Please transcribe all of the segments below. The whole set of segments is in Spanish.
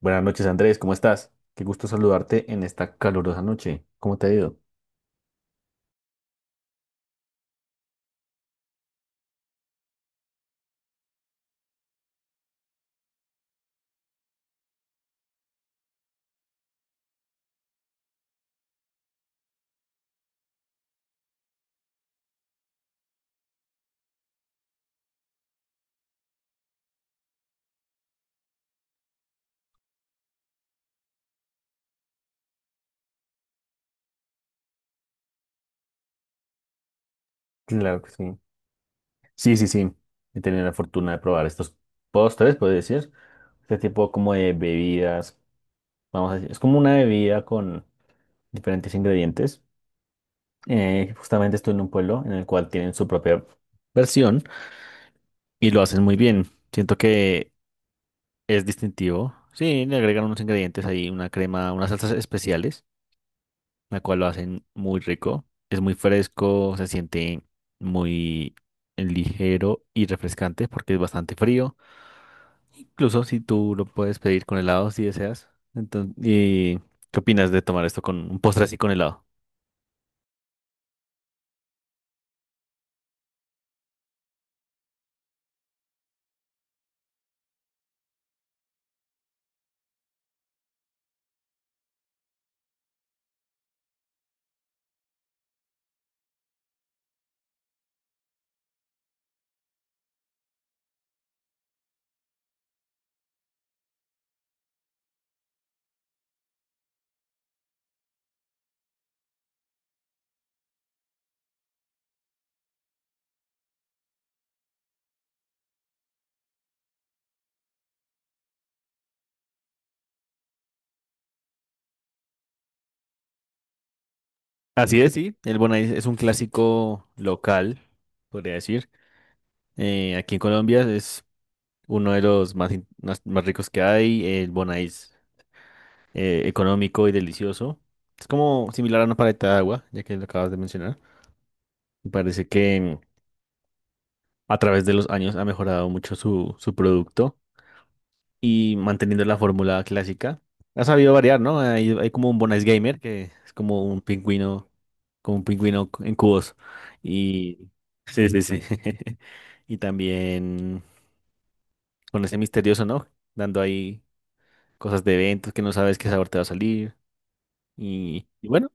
Buenas noches, Andrés, ¿cómo estás? Qué gusto saludarte en esta calurosa noche. ¿Cómo te ha ido? Claro que sí. Sí, sí, sí. He tenido la fortuna de probar estos postres, puedo decir. Este tipo como de bebidas, vamos a decir. Es como una bebida con diferentes ingredientes. Justamente estoy en un pueblo en el cual tienen su propia versión y lo hacen muy bien. Siento que es distintivo. Sí, le agregan unos ingredientes ahí, una crema, unas salsas especiales, la cual lo hacen muy rico. Es muy fresco, se siente muy ligero y refrescante porque es bastante frío. Incluso si tú lo puedes pedir con helado si deseas. Entonces, ¿y qué opinas de tomar esto con un postre así con helado? Así es, sí. El Bonais es un clásico local, podría decir. Aquí en Colombia es uno de los más, más, más ricos que hay. El Bonais económico y delicioso. Es como similar a una paleta de agua, ya que lo acabas de mencionar. Me parece que a través de los años ha mejorado mucho su producto y manteniendo la fórmula clásica. Ha sabido variar, ¿no? Hay como un Bonus Gamer que es como un pingüino en cubos. Y sí, sí, sí. Y también con ese misterioso, ¿no? Dando ahí cosas de eventos que no sabes qué sabor te va a salir. Y bueno,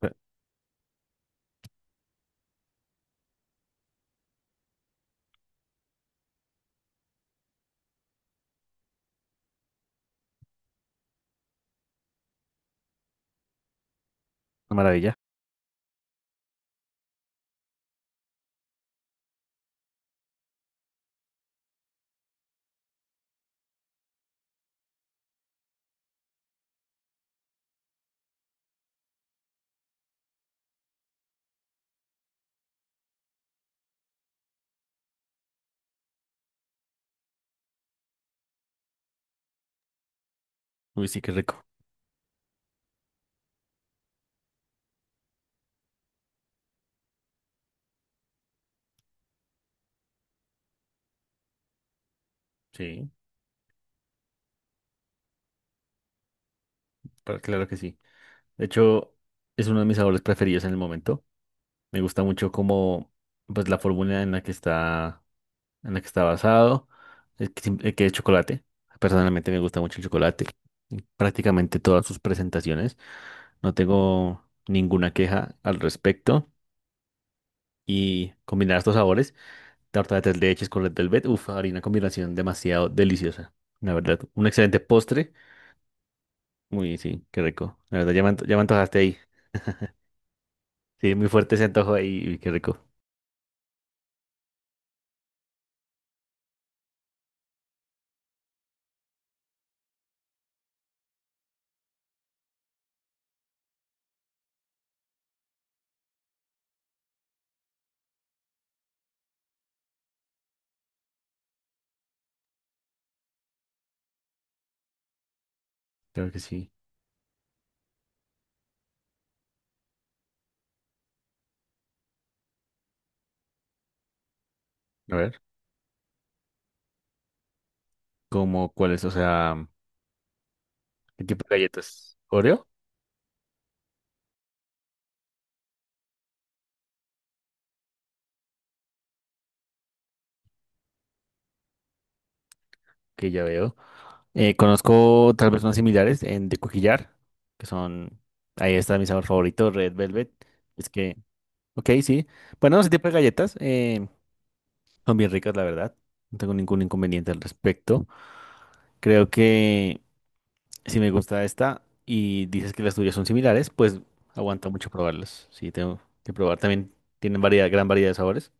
fue una maravilla. Uy, sí, qué rico. Sí, claro que sí. De hecho, es uno de mis sabores preferidos en el momento. Me gusta mucho como pues la fórmula en la que está en la que está basado, el que es chocolate. Personalmente me gusta mucho el chocolate en prácticamente todas sus presentaciones. No tengo ninguna queja al respecto. Y combinar estos sabores, tarta de tres leches con red velvet, uff, harina combinación demasiado deliciosa. La verdad, un excelente postre. Uy, sí, qué rico. La verdad, ya me antojaste ahí. Sí, muy fuerte ese antojo ahí. Uy, qué rico. Creo que sí. A ver. Como cuáles, o sea, ¿el tipo de galletas? Oreo, que ya veo. Conozco tal vez unas similares en de coquillar, que son, ahí está mi sabor favorito, Red Velvet. Es que, ok, sí. Bueno, ese tipo de galletas son bien ricas, la verdad. No tengo ningún inconveniente al respecto. Creo que si me gusta esta y dices que las tuyas son similares, pues aguanta mucho probarlas. Sí, tengo que probar. También tienen variedad, gran variedad de sabores.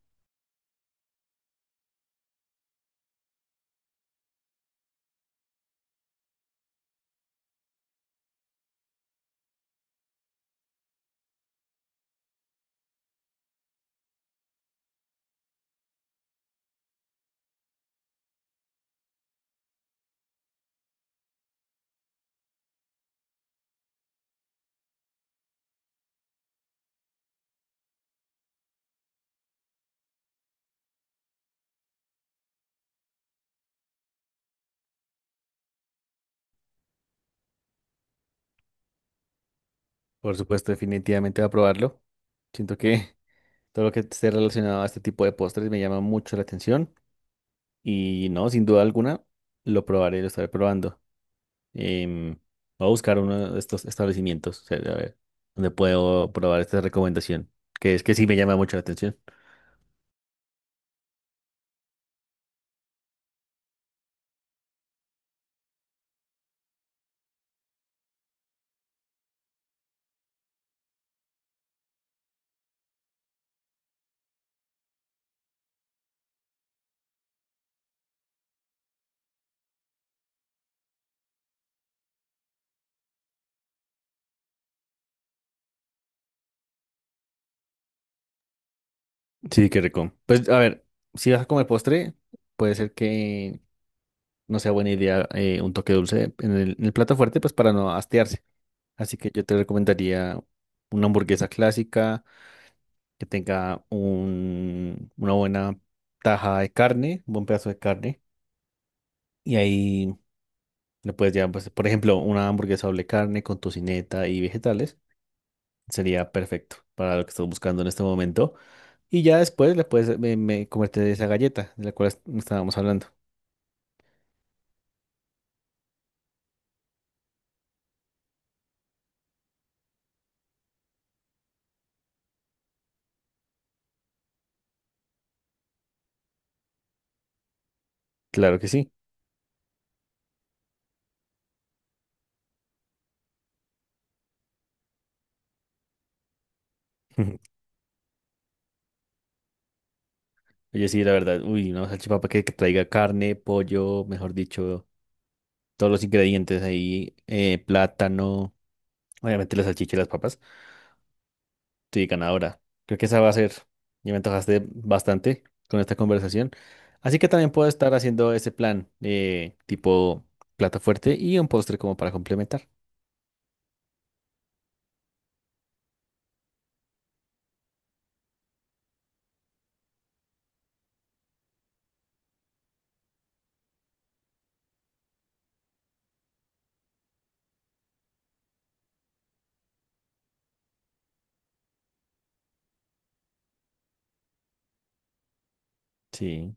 Por supuesto, definitivamente voy a probarlo. Siento que todo lo que esté relacionado a este tipo de postres me llama mucho la atención y no, sin duda alguna, lo probaré, lo estaré probando. Em, Voy a buscar uno de estos establecimientos, o sea, a ver, donde puedo probar esta recomendación, que es que sí me llama mucho la atención. Sí, qué rico. Pues a ver, si vas a comer postre, puede ser que no sea buena idea un toque dulce en en el plato fuerte, pues para no hastiarse. Así que yo te recomendaría una hamburguesa clásica que tenga una buena taja de carne, un buen pedazo de carne. Y ahí le puedes llevar, pues, por ejemplo, una hamburguesa doble carne con tocineta y vegetales. Sería perfecto para lo que estás buscando en este momento. Y ya después le puedes comerte de esa galleta de la cual estábamos hablando. Claro que sí. Oye, sí, la verdad. Uy, una salchipapa que traiga carne, pollo, mejor dicho, todos los ingredientes ahí, plátano, obviamente la salchicha y las papas. Sí, ganadora. Creo que esa va a ser. Ya me antojaste bastante con esta conversación. Así que también puedo estar haciendo ese plan tipo plato fuerte y un postre como para complementar. Sí.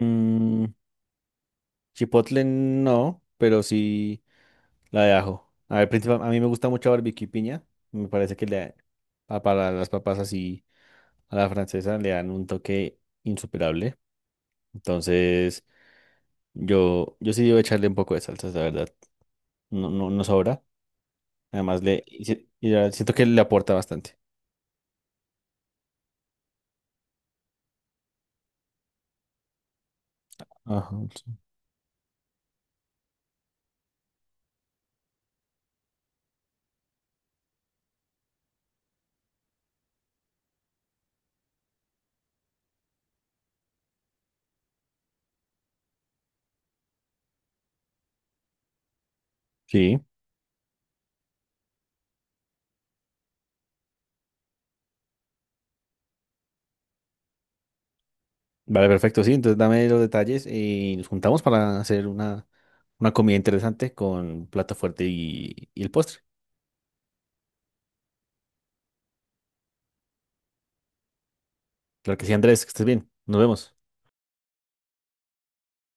Mm, chipotle no, pero sí la de ajo. A ver, a mí me gusta mucho barbecue y piña. Me parece que para las papas así a la francesa le dan un toque insuperable. Entonces, yo sí debo echarle un poco de salsas, la verdad. No, no, no sobra. Además, le, y si- y ya siento que le aporta bastante. Ajá, sí. Sí, vale, perfecto, sí. Entonces dame los detalles y nos juntamos para hacer una comida interesante con plato fuerte y el postre. Claro que sí, Andrés, que estés bien. Nos vemos.